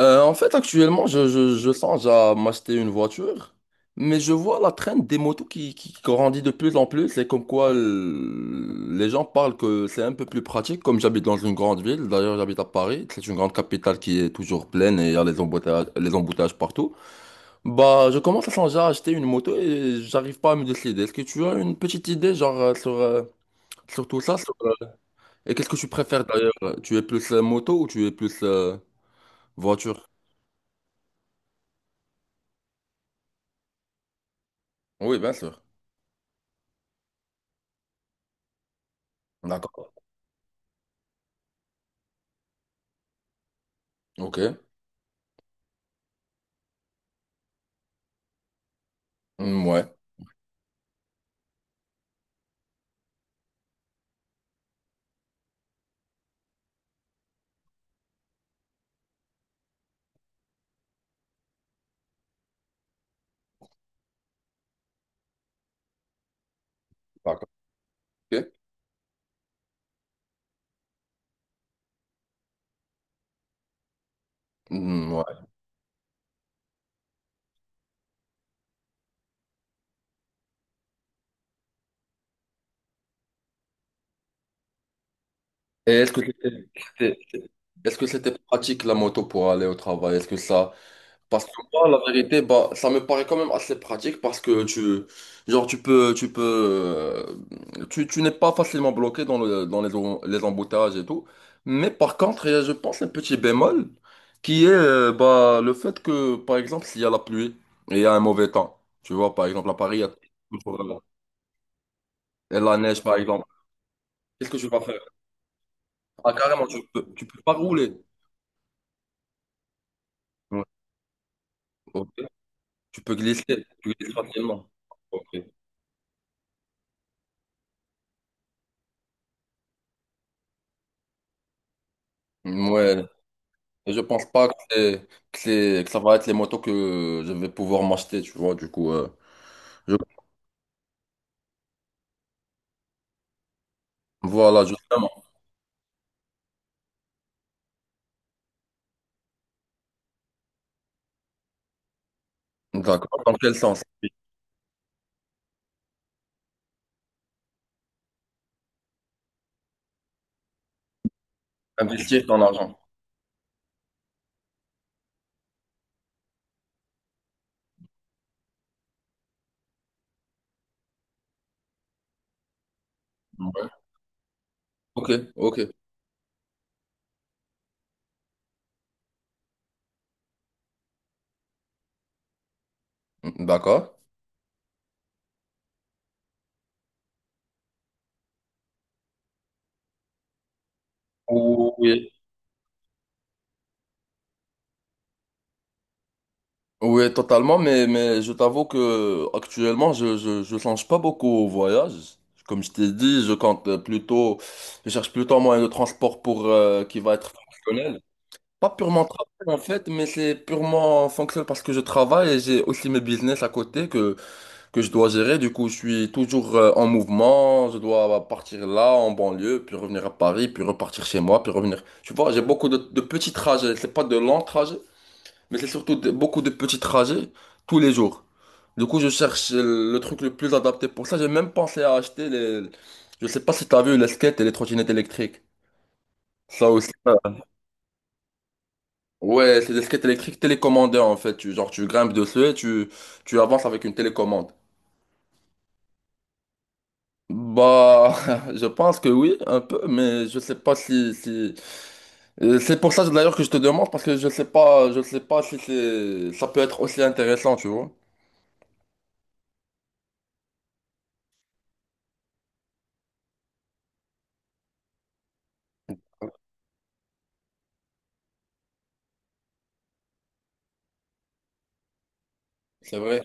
Actuellement, je songe à m'acheter une voiture, mais je vois la traîne des motos qui grandit de plus en plus et comme quoi les gens parlent que c'est un peu plus pratique. Comme j'habite dans une grande ville, d'ailleurs, j'habite à Paris, c'est une grande capitale qui est toujours pleine et il y a les embouteillages partout. Bah, je commence à songer à acheter une moto et j'arrive pas à me décider. Est-ce que tu as une petite idée, genre, sur tout ça? Et qu'est-ce que tu préfères d'ailleurs? Tu es plus moto ou tu es plus voiture? Oui, bien sûr. D'accord. Ok. Mm, ouais. D'accord. Ok. Mm, ouais. Et est-ce que c'était- est-ce que c'était pratique la moto pour aller au travail? Parce que moi, la vérité, bah, ça me paraît quand même assez pratique parce que genre, tu n'es pas facilement bloqué dans le, dans les, em- les embouteillages et tout. Mais par contre, il y a, je pense, un petit bémol qui est, bah, le fait que, par exemple, s'il y a la pluie et il y a un mauvais temps, tu vois, par exemple, à Paris, il y a toujours la- et la neige, par exemple. Qu'est-ce que tu vas faire? Ah, carrément, tu peux pas rouler. Ouais. Ok. Tu peux glisser. Tu glisses facilement. Ok. Ouais. Et je pense pas que que ça va être les motos que je vais pouvoir m'acheter, tu vois. Du coup, je- voilà, justement. D'accord. Dans quel sens? Investir ton argent. Ok, ok. D'accord. Oui. Oui, totalement, mais je t'avoue que actuellement, je songe pas beaucoup au voyage. Comme je t'ai dit, je compte plutôt, je cherche plutôt un moyen de transport pour, qui va être fonctionnel. Pas purement travail, en fait, mais c'est purement fonctionnel parce que je travaille et j'ai aussi mes business à côté que je dois gérer. Du coup, je suis toujours, en mouvement. Je dois partir là, en banlieue, puis revenir à Paris, puis repartir chez moi, puis revenir. Tu vois, j'ai beaucoup de petits trajets. C'est pas de longs trajets. Mais c'est surtout beaucoup de petits trajets tous les jours. Du coup, je cherche le truc le plus adapté pour ça. J'ai même pensé à acheter les... Je sais pas si t'as vu les skates et les trottinettes électriques. Ça aussi. Ouais, c'est des skates électriques télécommandés en fait. Genre, tu grimpes dessus et tu avances avec une télécommande. Bah, je pense que oui, un peu, mais je sais pas si... C'est pour ça d'ailleurs que je te demande parce que je sais pas si ça peut être aussi intéressant, tu vois. C'est vrai.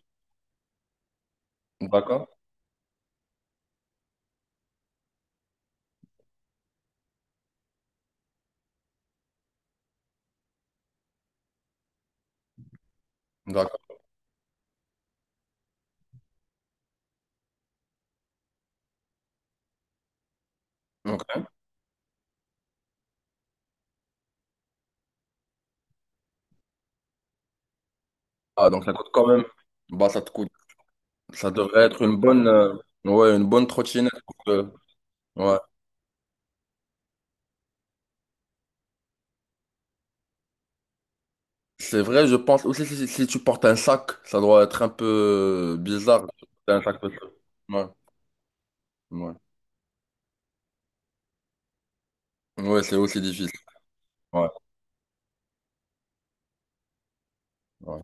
D'accord. D'accord. Donc, ah, donc ça coûte quand même. Bah, ça te coûte. Ça devrait être une bonne, ouais, une bonne trottinette. Ouais. C'est vrai, je pense aussi si tu portes un sac, ça doit être un peu bizarre. De porter un sac pesant. Ouais, ouais. Ouais, c'est aussi difficile. Ouais, ouais.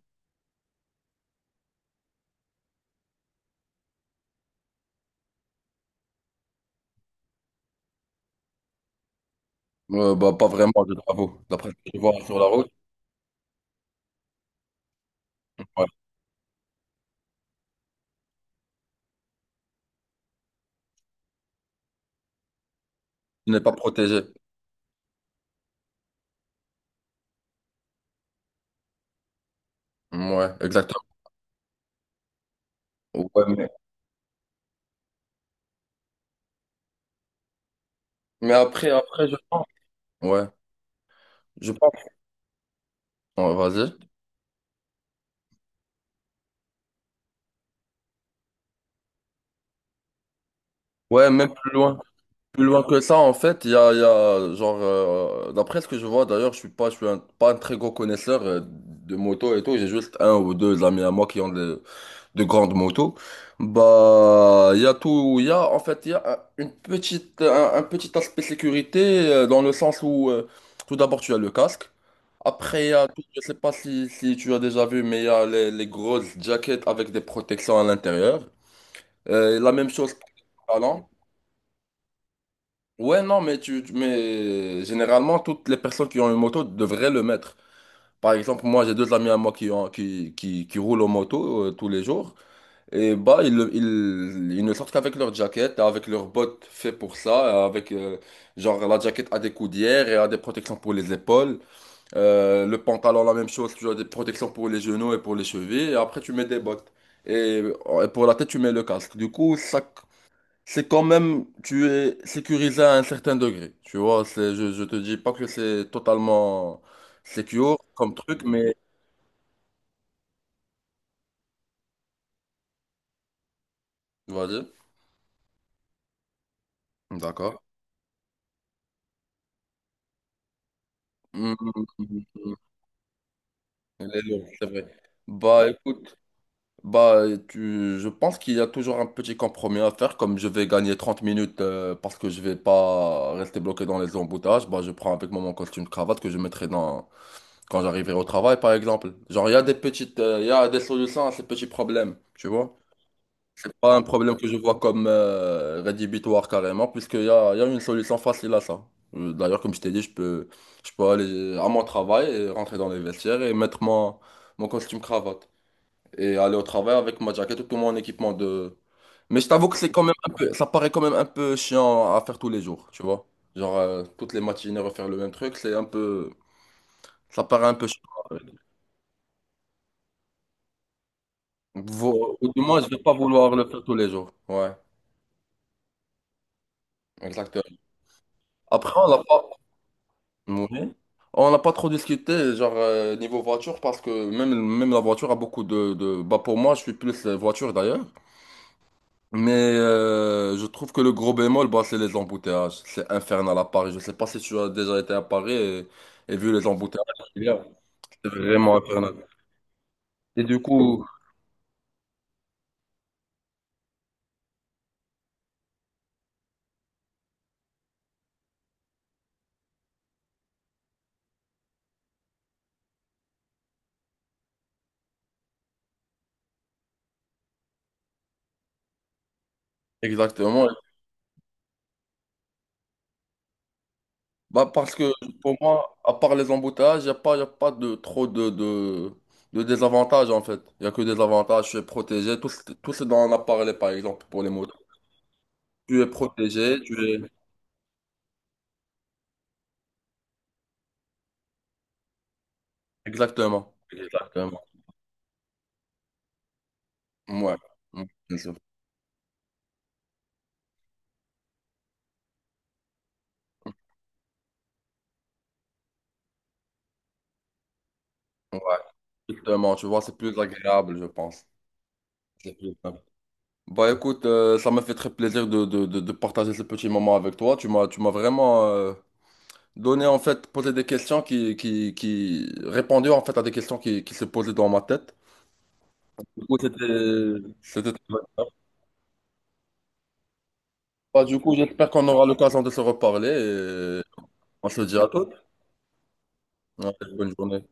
Bah, pas vraiment, je t'avoue. D'après ce que je vois sur la route, ouais. Tu n'es pas protégé. Ouais, exactement. Ouais, mais après, je pense. Ouais, je pense. Ouais, vas-y. Ouais, même plus loin. Plus loin que ça, en fait, il y a, genre, d'après ce que je vois, d'ailleurs, je suis pas, je suis un- pas un très gros connaisseur de moto et tout. J'ai juste un ou deux amis à moi qui ont de grandes motos. Bah, il y a, en fait, il y a un petit aspect sécurité dans le sens où, tout d'abord, tu as le casque. Après, il y a tout, je sais pas si tu as déjà vu, mais il y a les grosses jackets avec des protections à l'intérieur. La même chose pour les pantalons. Ouais, non, mais mais généralement, toutes les personnes qui ont une moto devraient le mettre. Par exemple, moi, j'ai deux amis à moi qui ont, qui roulent en moto tous les jours. Et bah, ils ne sortent qu'avec leur jaquette, avec leurs bottes faites pour ça, avec, genre, la jaquette a des coudières et a des protections pour les épaules. Le pantalon, la même chose, tu as des protections pour les genoux et pour les chevilles. Et après, tu mets des bottes. Et pour la tête, tu mets le casque. Du coup, ça c'est quand même, tu es sécurisé à un certain degré. Tu vois, je te dis pas que c'est totalement secure comme truc, mais vas-y. D'accord. Mm, mm, mm, elle est lourde, c'est vrai. Bah écoute, bah je pense qu'il y a toujours un petit compromis à faire. Comme je vais gagner 30 minutes parce que je vais pas rester bloqué dans les embouteillages, bah je prends avec moi mon costume de cravate que je mettrai dans quand j'arriverai au travail par exemple. Genre il y a des petites, il y a des solutions à ces petits problèmes, tu vois? C'est pas un problème que je vois comme rédhibitoire carrément, puisqu'il y a une solution facile à ça. D'ailleurs comme je t'ai dit, je peux aller à mon travail et rentrer dans les vestiaires et mettre mon costume cravate. Et aller au travail avec ma jaquette et tout mon équipement de. Mais je t'avoue que c'est quand même un peu, ça paraît quand même un peu chiant à faire tous les jours, tu vois. Genre, toutes les matinées refaire le même truc, c'est un peu. Ça paraît un peu chiant. Ou du moins, je vais pas vouloir le faire tous les jours. Ouais, exactement. Après, on n'a pas. Oui. On n'a pas trop discuté, genre, niveau voiture, parce que même la voiture a beaucoup bah, pour moi, je suis plus voiture d'ailleurs. Mais je trouve que le gros bémol, bah, c'est les embouteillages. C'est infernal à Paris. Je sais pas si tu as déjà été à Paris et vu les embouteillages. Qu'il y a. C'est vraiment infernal. Et du coup, exactement. Bah, parce que pour moi, à part les embouteillages, il n'y a pas, y a pas de, trop de désavantages en fait. Il n'y a que des avantages. Je suis protégé. Tout ce dont on a parlé, par exemple, pour les motos. Tu es protégé, tu es... Exactement. Exactement. Ouais. Mm, bien sûr. Ouais. Exactement, tu vois, c'est plus agréable, je pense. C'est plus simple. Bah écoute, ça m'a fait très plaisir de partager ce petit moment avec toi. Tu m'as vraiment donné, en fait, posé des questions répondu, en fait, à des questions qui se posaient dans ma tête. Du coup, c'était... Bah, du coup, j'espère qu'on aura l'occasion de se reparler et on se dit à toutes. Ouais, bonne journée.